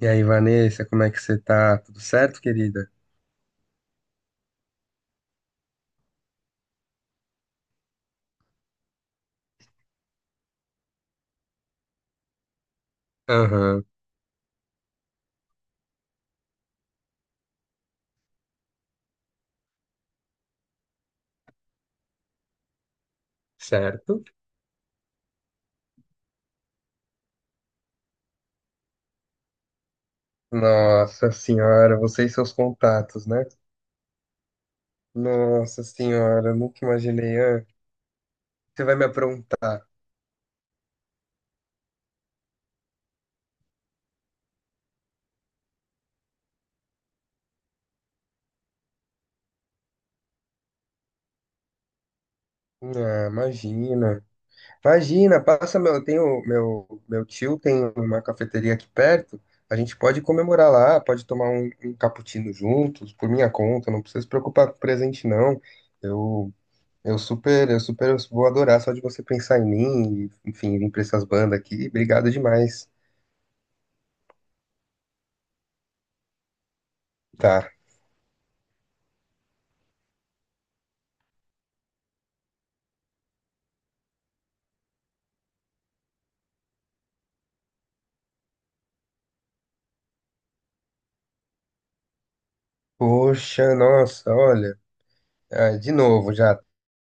E aí, Vanessa, como é que você tá? Tudo certo, querida? Aham, certo? Nossa senhora, você e seus contatos, né? Nossa senhora, eu nunca imaginei. Ah, você vai me aprontar. Ah, imagina. Imagina, eu tenho meu meu tio tem uma cafeteria aqui perto. A gente pode comemorar lá, pode tomar um cappuccino juntos, por minha conta, não precisa se preocupar com presente não. Eu eu super vou adorar só de você pensar em mim e, enfim, vir pra essas bandas aqui. Obrigado demais. Tá. Poxa, nossa, olha. Ah, de novo já.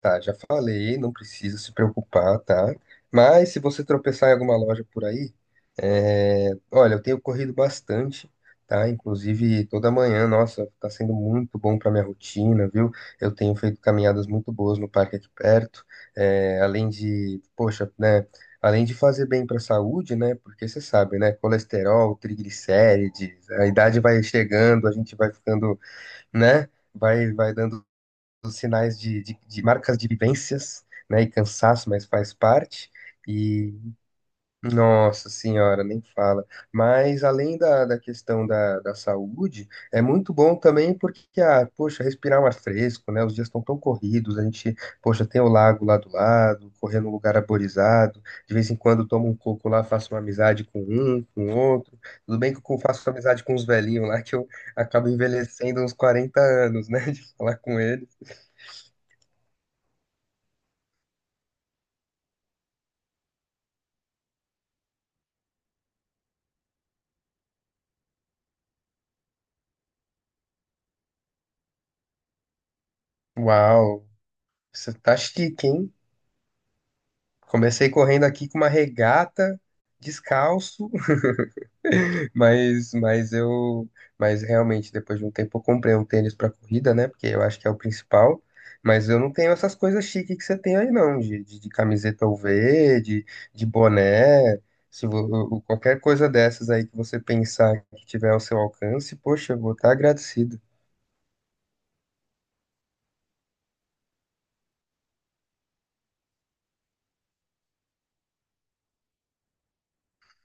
Tá, já falei, não precisa se preocupar, tá? Mas se você tropeçar em alguma loja por aí, é, olha, eu tenho corrido bastante, tá? Inclusive toda manhã, nossa, tá sendo muito bom para minha rotina, viu? Eu tenho feito caminhadas muito boas no parque aqui perto, é, além de, poxa, né? Além de fazer bem para a saúde, né? Porque você sabe, né? Colesterol, triglicérides, a idade vai chegando, a gente vai ficando, né? Vai dando os sinais de marcas de vivências, né? E cansaço, mas faz parte. E, nossa senhora, nem fala. Mas além da questão da saúde, é muito bom também porque, ah, poxa, respirar um ar fresco, né? Os dias estão tão corridos, a gente, poxa, tem o lago lá do lado, correr num lugar arborizado, de vez em quando tomo um coco lá, faço uma amizade com um, com outro. Tudo bem que eu faço amizade com os velhinhos lá, que eu acabo envelhecendo uns 40 anos, né? De falar com eles. Uau! Você tá chique, hein? Comecei correndo aqui com uma regata, descalço, mas, mas eu, mas realmente depois de um tempo eu comprei um tênis para corrida, né? Porque eu acho que é o principal. Mas eu não tenho essas coisas chiques que você tem aí, não, de camiseta UV, de boné. Se vo- o- qualquer coisa dessas aí que você pensar que tiver ao seu alcance, poxa, eu vou estar agradecido.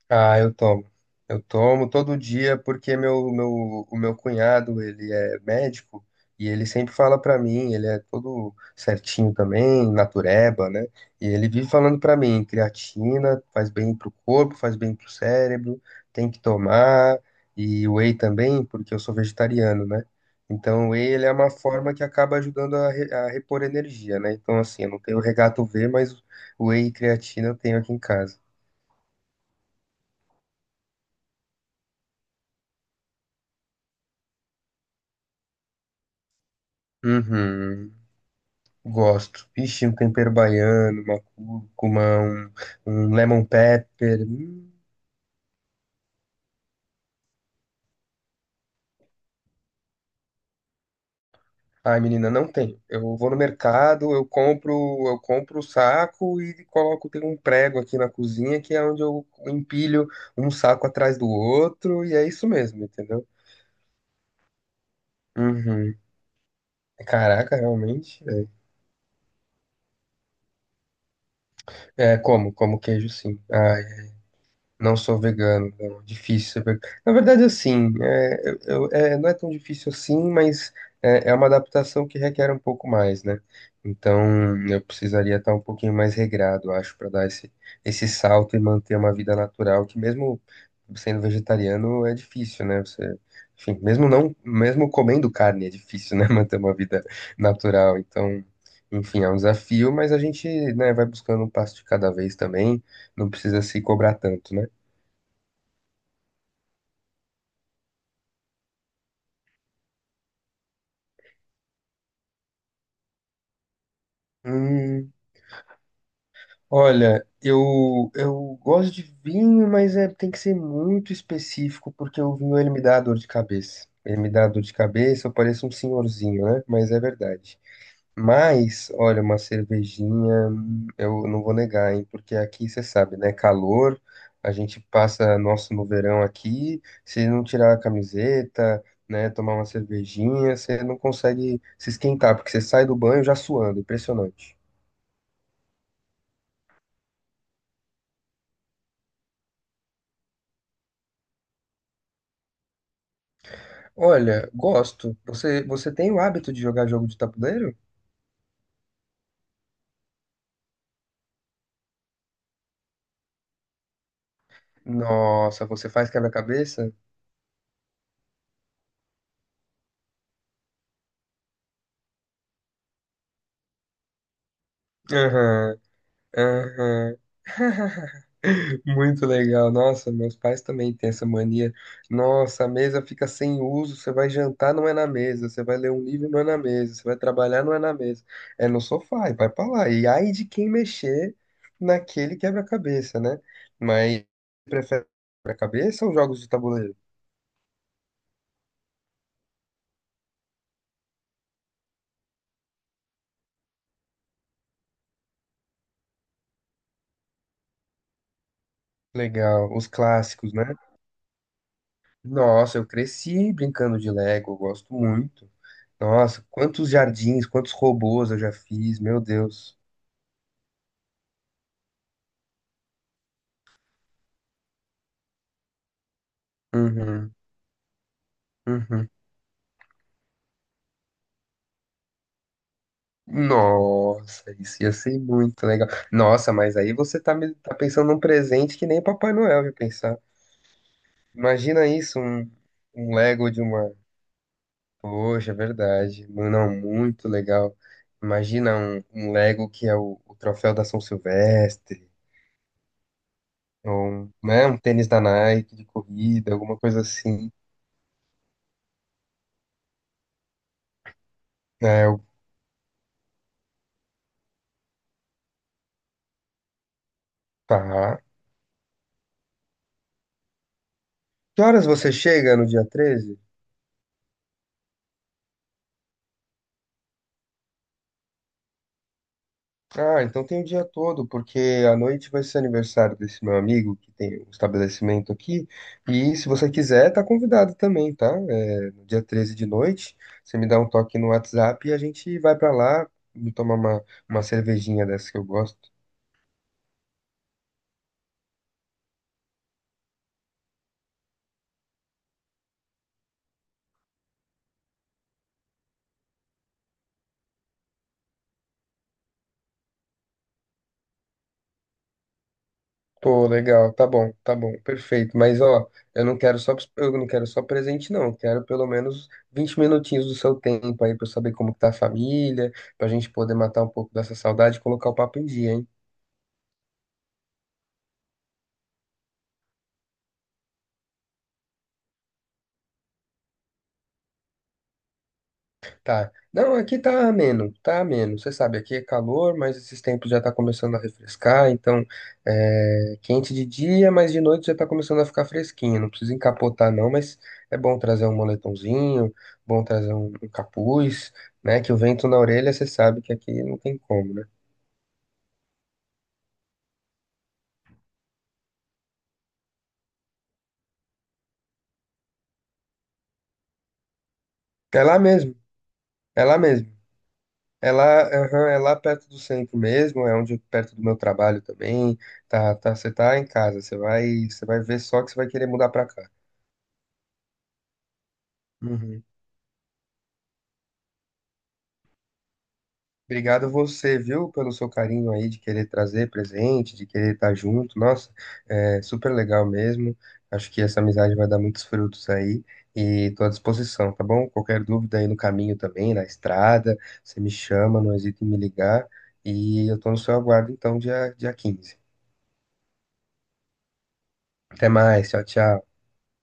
Ah, eu tomo. Eu tomo todo dia porque o meu cunhado, ele é médico e ele sempre fala pra mim, ele é todo certinho também, natureba, né? E ele vive falando pra mim, creatina faz bem pro corpo, faz bem pro cérebro, tem que tomar, e whey também, porque eu sou vegetariano, né? Então, o whey, ele é uma forma que acaba ajudando a, re- a repor energia, né? Então, assim, eu não tenho regato V, mas o whey e creatina eu tenho aqui em casa. Uhum. Gosto. Ixi, um tempero baiano, uma cúrcuma, um, lemon pepper. Hum. Ai, menina, não tem. Eu vou no mercado, eu compro o saco e coloco, tem um prego aqui na cozinha que é onde eu empilho um saco atrás do outro e é isso mesmo, entendeu? Uhum. Caraca, realmente. É, É, como queijo, sim. Ah, não sou vegano, não. Difícil ser vegano. Na verdade, assim, é, é, não é tão difícil assim, mas é uma adaptação que requer um pouco mais, né? Então, eu precisaria estar um pouquinho mais regrado, acho, para dar esse, esse salto e manter uma vida natural, que mesmo sendo vegetariano é difícil, né? Você, enfim, mesmo não, mesmo comendo carne é difícil, né? Manter uma vida natural. Então, enfim, é um desafio, mas a gente, né, vai buscando um passo de cada vez também. Não precisa se cobrar tanto, né? Hum, olha, eu gosto de vinho, mas é, tem que ser muito específico, porque o vinho ele me dá dor de cabeça. Ele me dá dor de cabeça, eu pareço um senhorzinho, né? Mas é verdade. Mas, olha, uma cervejinha, eu não vou negar, hein? Porque aqui você sabe, né? Calor, a gente passa nosso no verão aqui, se não tirar a camiseta, né? Tomar uma cervejinha, você não consegue se esquentar, porque você sai do banho já suando, impressionante. Olha, gosto. Você, você tem o hábito de jogar jogo de tabuleiro? Nossa, você faz quebra-cabeça? Aham, aham. Muito legal. Nossa, meus pais também têm essa mania. Nossa, a mesa fica sem uso. Você vai jantar, não é na mesa. Você vai ler um livro, não é na mesa. Você vai trabalhar, não é na mesa. É no sofá, e vai pra lá. E ai de quem mexer naquele quebra-cabeça, né? Mas prefere quebra-cabeça ou jogos de tabuleiro? Legal, os clássicos, né? Nossa, eu cresci brincando de Lego, eu gosto muito. Nossa, quantos jardins, quantos robôs eu já fiz, meu Deus. Uhum, uhum. Nossa, isso ia ser muito legal. Nossa, mas aí você tá, tá pensando num presente que nem Papai Noel ia pensar. Imagina isso, um Lego de uma. Poxa, é verdade. Não, muito legal. Imagina um Lego que é o troféu da São Silvestre. Ou, um, né, um tênis da Nike de corrida, alguma coisa assim. É, eu, tá. Que horas você chega no dia 13? Ah, então tem o dia todo, porque à noite vai ser aniversário desse meu amigo que tem um estabelecimento aqui. E se você quiser, tá convidado também, tá? É, no dia 13 de noite, você me dá um toque no WhatsApp e a gente vai pra lá me tomar uma cervejinha dessa que eu gosto. Pô, legal, tá bom, perfeito. Mas ó, eu não quero só presente não. Eu quero pelo menos 20 minutinhos do seu tempo aí pra eu saber como que tá a família, pra gente poder matar um pouco dessa saudade e colocar o papo em dia, hein? Tá. Não, aqui tá ameno, tá ameno. Você sabe, aqui é calor, mas esses tempos já tá começando a refrescar, então é quente de dia, mas de noite já tá começando a ficar fresquinho. Não precisa encapotar não, mas é bom trazer um moletomzinho, bom trazer um, um capuz, né? Que o vento na orelha, você sabe que aqui não tem como, né? É lá mesmo, é lá mesmo. É lá, aham, é lá perto do centro mesmo, é onde perto do meu trabalho também. Tá, tá, você tá em casa, você vai ver só que você vai querer mudar pra cá. Uhum. Obrigado você, viu, pelo seu carinho aí de querer trazer presente, de querer estar junto. Nossa, é super legal mesmo. Acho que essa amizade vai dar muitos frutos aí e tô à disposição, tá bom? Qualquer dúvida aí no caminho também, na estrada, você me chama, não hesite em me ligar. E eu tô no seu aguardo então, dia 15. Até mais, tchau, tchau.